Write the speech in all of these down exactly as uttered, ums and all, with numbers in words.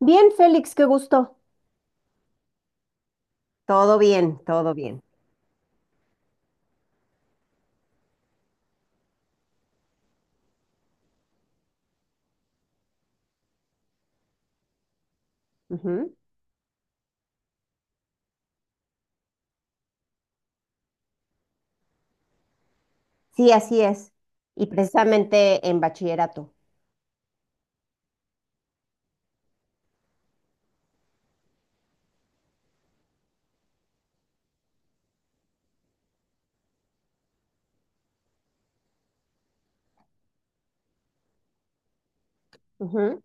Bien, Félix, qué gusto. Todo bien, todo bien. Ujú. Sí, así es. Y precisamente en bachillerato. Ujú.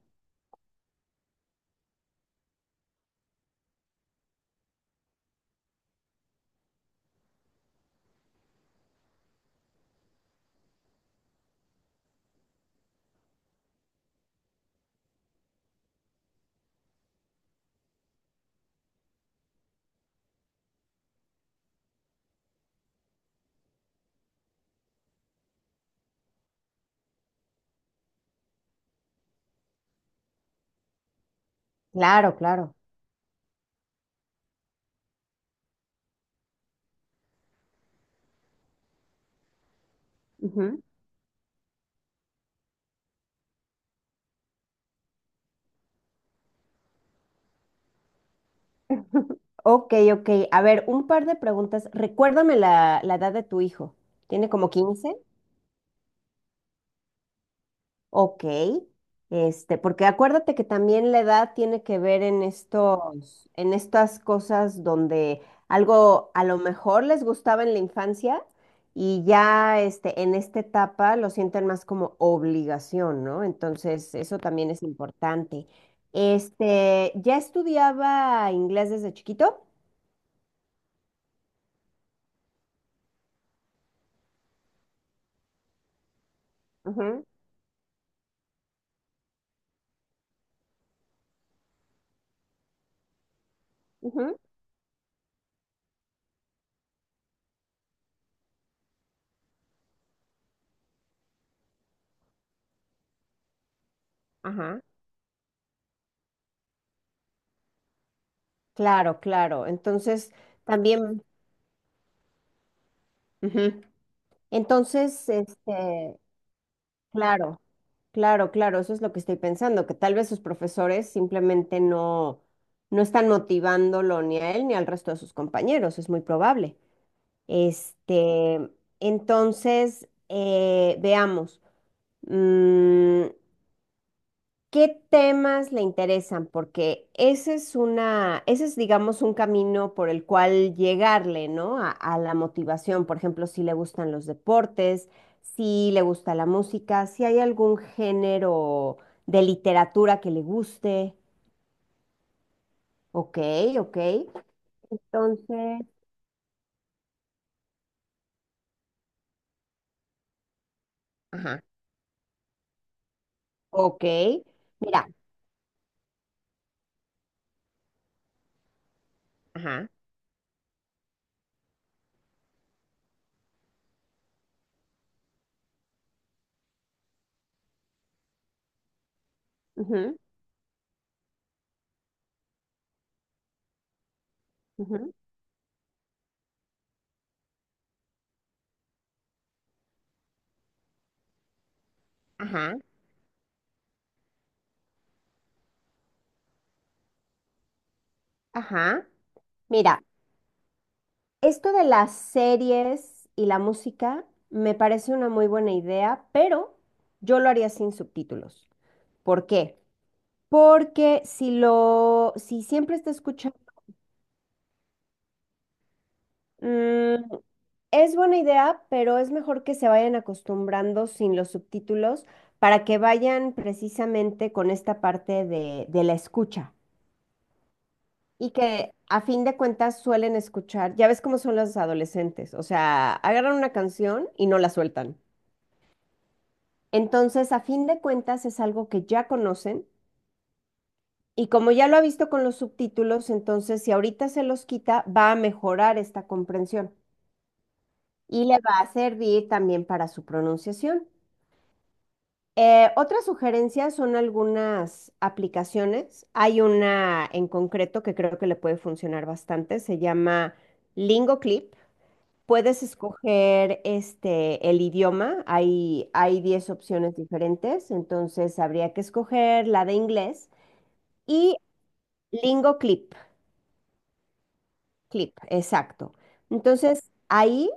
Claro, claro. Ujú. Ok, ok. A ver, un par de preguntas. Recuérdame la, la edad de tu hijo. ¿Tiene como quince? Ok, este, porque acuérdate que también la edad tiene que ver en estos, en estas cosas donde algo a lo mejor les gustaba en la infancia y ya este, en esta etapa lo sienten más como obligación, ¿no? Entonces, eso también es importante. Este, ¿ya estudiaba inglés desde chiquito? Ujú. Ujú. Ajá. Claro, claro. Entonces, también. Ujú. Entonces, este, Claro, claro, claro, eso es lo que estoy pensando, que tal vez sus profesores simplemente no, no están motivándolo ni a él ni al resto de sus compañeros, es muy probable. Este, entonces, eh, veamos. Mm, ¿Qué temas le interesan? Porque ese es una, ese es, digamos, un camino por el cual llegarle, ¿no? A, a la motivación. Por ejemplo, si le gustan los deportes, si le gusta la música, si hay algún género de literatura que le guste. Ok, ok. Entonces, ajá, ok. Mira, ajá, ujú, ujú, ajá, ajá. Mira. Esto de las series y la música me parece una muy buena idea, pero yo lo haría sin subtítulos. ¿Por qué? Porque si lo, si siempre está escuchando, mm, es buena idea, pero es mejor que se vayan acostumbrando sin los subtítulos para que vayan precisamente con esta parte de, de la escucha. Y que a fin de cuentas suelen escuchar, ya ves cómo son los adolescentes, o sea, agarran una canción y no la sueltan. Entonces, a fin de cuentas, es algo que ya conocen y como ya lo ha visto con los subtítulos, entonces si ahorita se los quita, va a mejorar esta comprensión y le va a servir también para su pronunciación. Eh, otras sugerencias son algunas aplicaciones. Hay una en concreto que creo que le puede funcionar bastante, se llama LingoClip. Puedes escoger este, el idioma, hay, hay diez opciones diferentes, entonces habría que escoger la de inglés. Y Lingo Clip, Clip, exacto. Entonces, ahí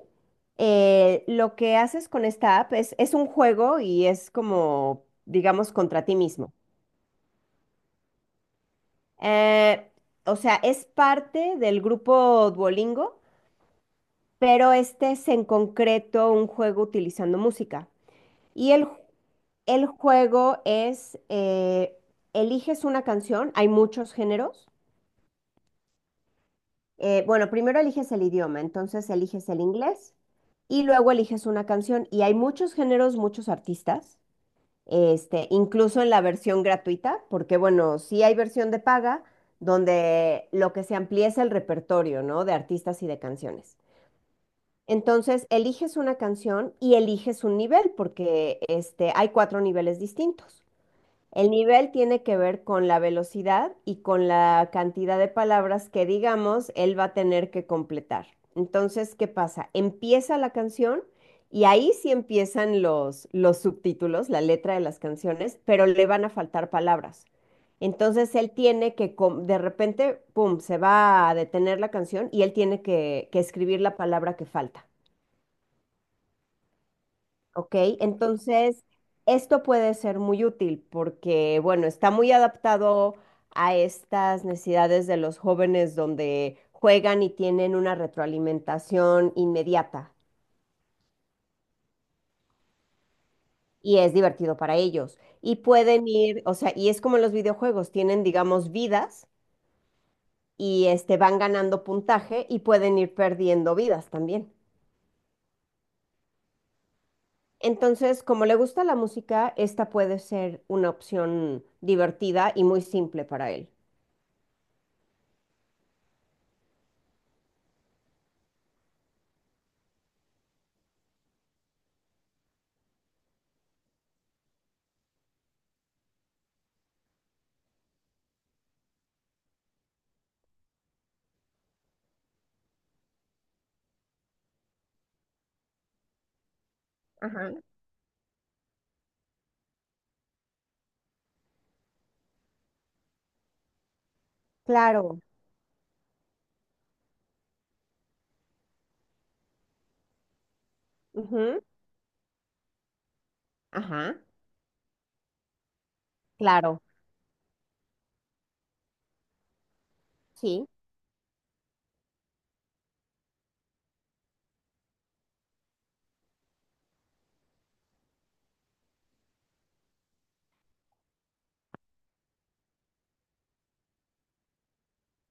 eh, lo que haces con esta app es, es un juego y es como, digamos, contra ti mismo. Eh, o sea, es parte del grupo Duolingo, pero este es en concreto un juego utilizando música. Y el, ju- el juego es, eh, eliges una canción, hay muchos géneros, eh, bueno, primero eliges el idioma, entonces eliges el inglés y luego eliges una canción. Y hay muchos géneros, muchos artistas, este, incluso en la versión gratuita, porque bueno, sí hay versión de paga donde lo que se amplía es el repertorio, ¿no? De artistas y de canciones. Entonces, eliges una canción y eliges un nivel, porque este, hay cuatro niveles distintos. El nivel tiene que ver con la velocidad y con la cantidad de palabras que, digamos, él va a tener que completar. Entonces, ¿qué pasa? Empieza la canción y ahí sí empiezan los, los subtítulos, la letra de las canciones, pero le van a faltar palabras. Entonces, él tiene que, com- de repente, pum, se va a detener la canción y él tiene que, que escribir la palabra que falta. Ok, entonces esto puede ser muy útil porque, bueno, está muy adaptado a estas necesidades de los jóvenes donde juegan y tienen una retroalimentación inmediata y es divertido para ellos. Y pueden ir, o sea, y es como en los videojuegos, tienen, digamos, vidas y este, van ganando puntaje y pueden ir perdiendo vidas también. Entonces, como le gusta la música, esta puede ser una opción divertida y muy simple para él. Ajá. Claro. Ujú. Ajá. Claro. Sí.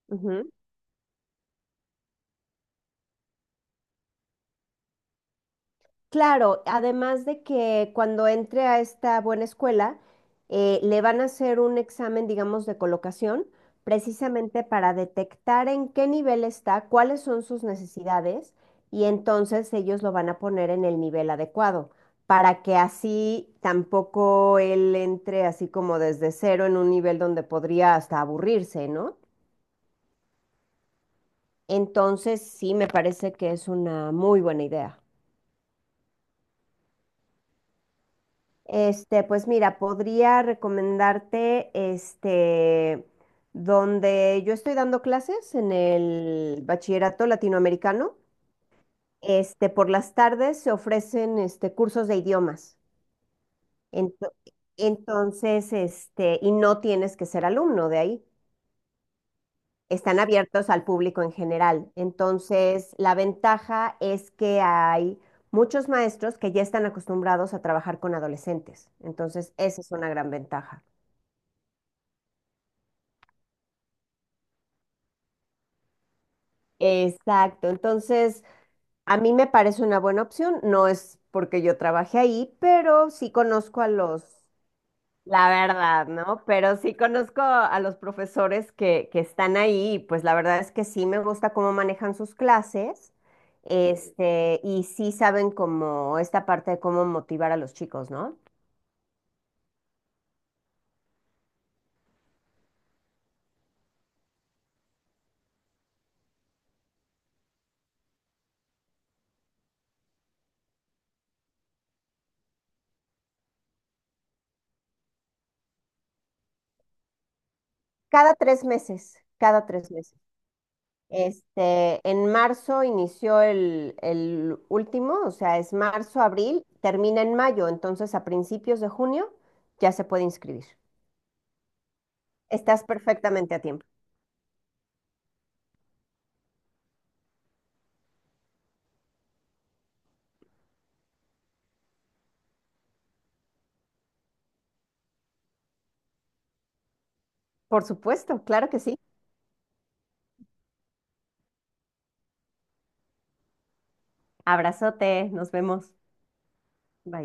Ujú. Claro, además de que cuando entre a esta buena escuela, eh, le van a hacer un examen, digamos, de colocación, precisamente para detectar en qué nivel está, cuáles son sus necesidades, y entonces ellos lo van a poner en el nivel adecuado, para que así tampoco él entre así como desde cero en un nivel donde podría hasta aburrirse, ¿no? Entonces, sí, me parece que es una muy buena idea. Este, pues mira, podría recomendarte, este, donde yo estoy dando clases en el bachillerato latinoamericano, este, por las tardes se ofrecen, este, cursos de idiomas. Ento- entonces, este, y no tienes que ser alumno de ahí. Están abiertos al público en general. Entonces, la ventaja es que hay muchos maestros que ya están acostumbrados a trabajar con adolescentes. Entonces, esa es una gran ventaja. Exacto. Entonces, a mí me parece una buena opción. No es porque yo trabajé ahí, pero sí conozco a los... La verdad, ¿no? Pero sí conozco a los profesores que, que están ahí, y pues la verdad es que sí me gusta cómo manejan sus clases, este, y sí saben como esta parte de cómo motivar a los chicos, ¿no? Cada tres meses, cada tres meses. Este, en marzo inició el, el último, o sea, es marzo, abril, termina en mayo, entonces a principios de junio ya se puede inscribir. Estás perfectamente a tiempo. Por supuesto, claro que sí. Abrazote, nos vemos. Bye.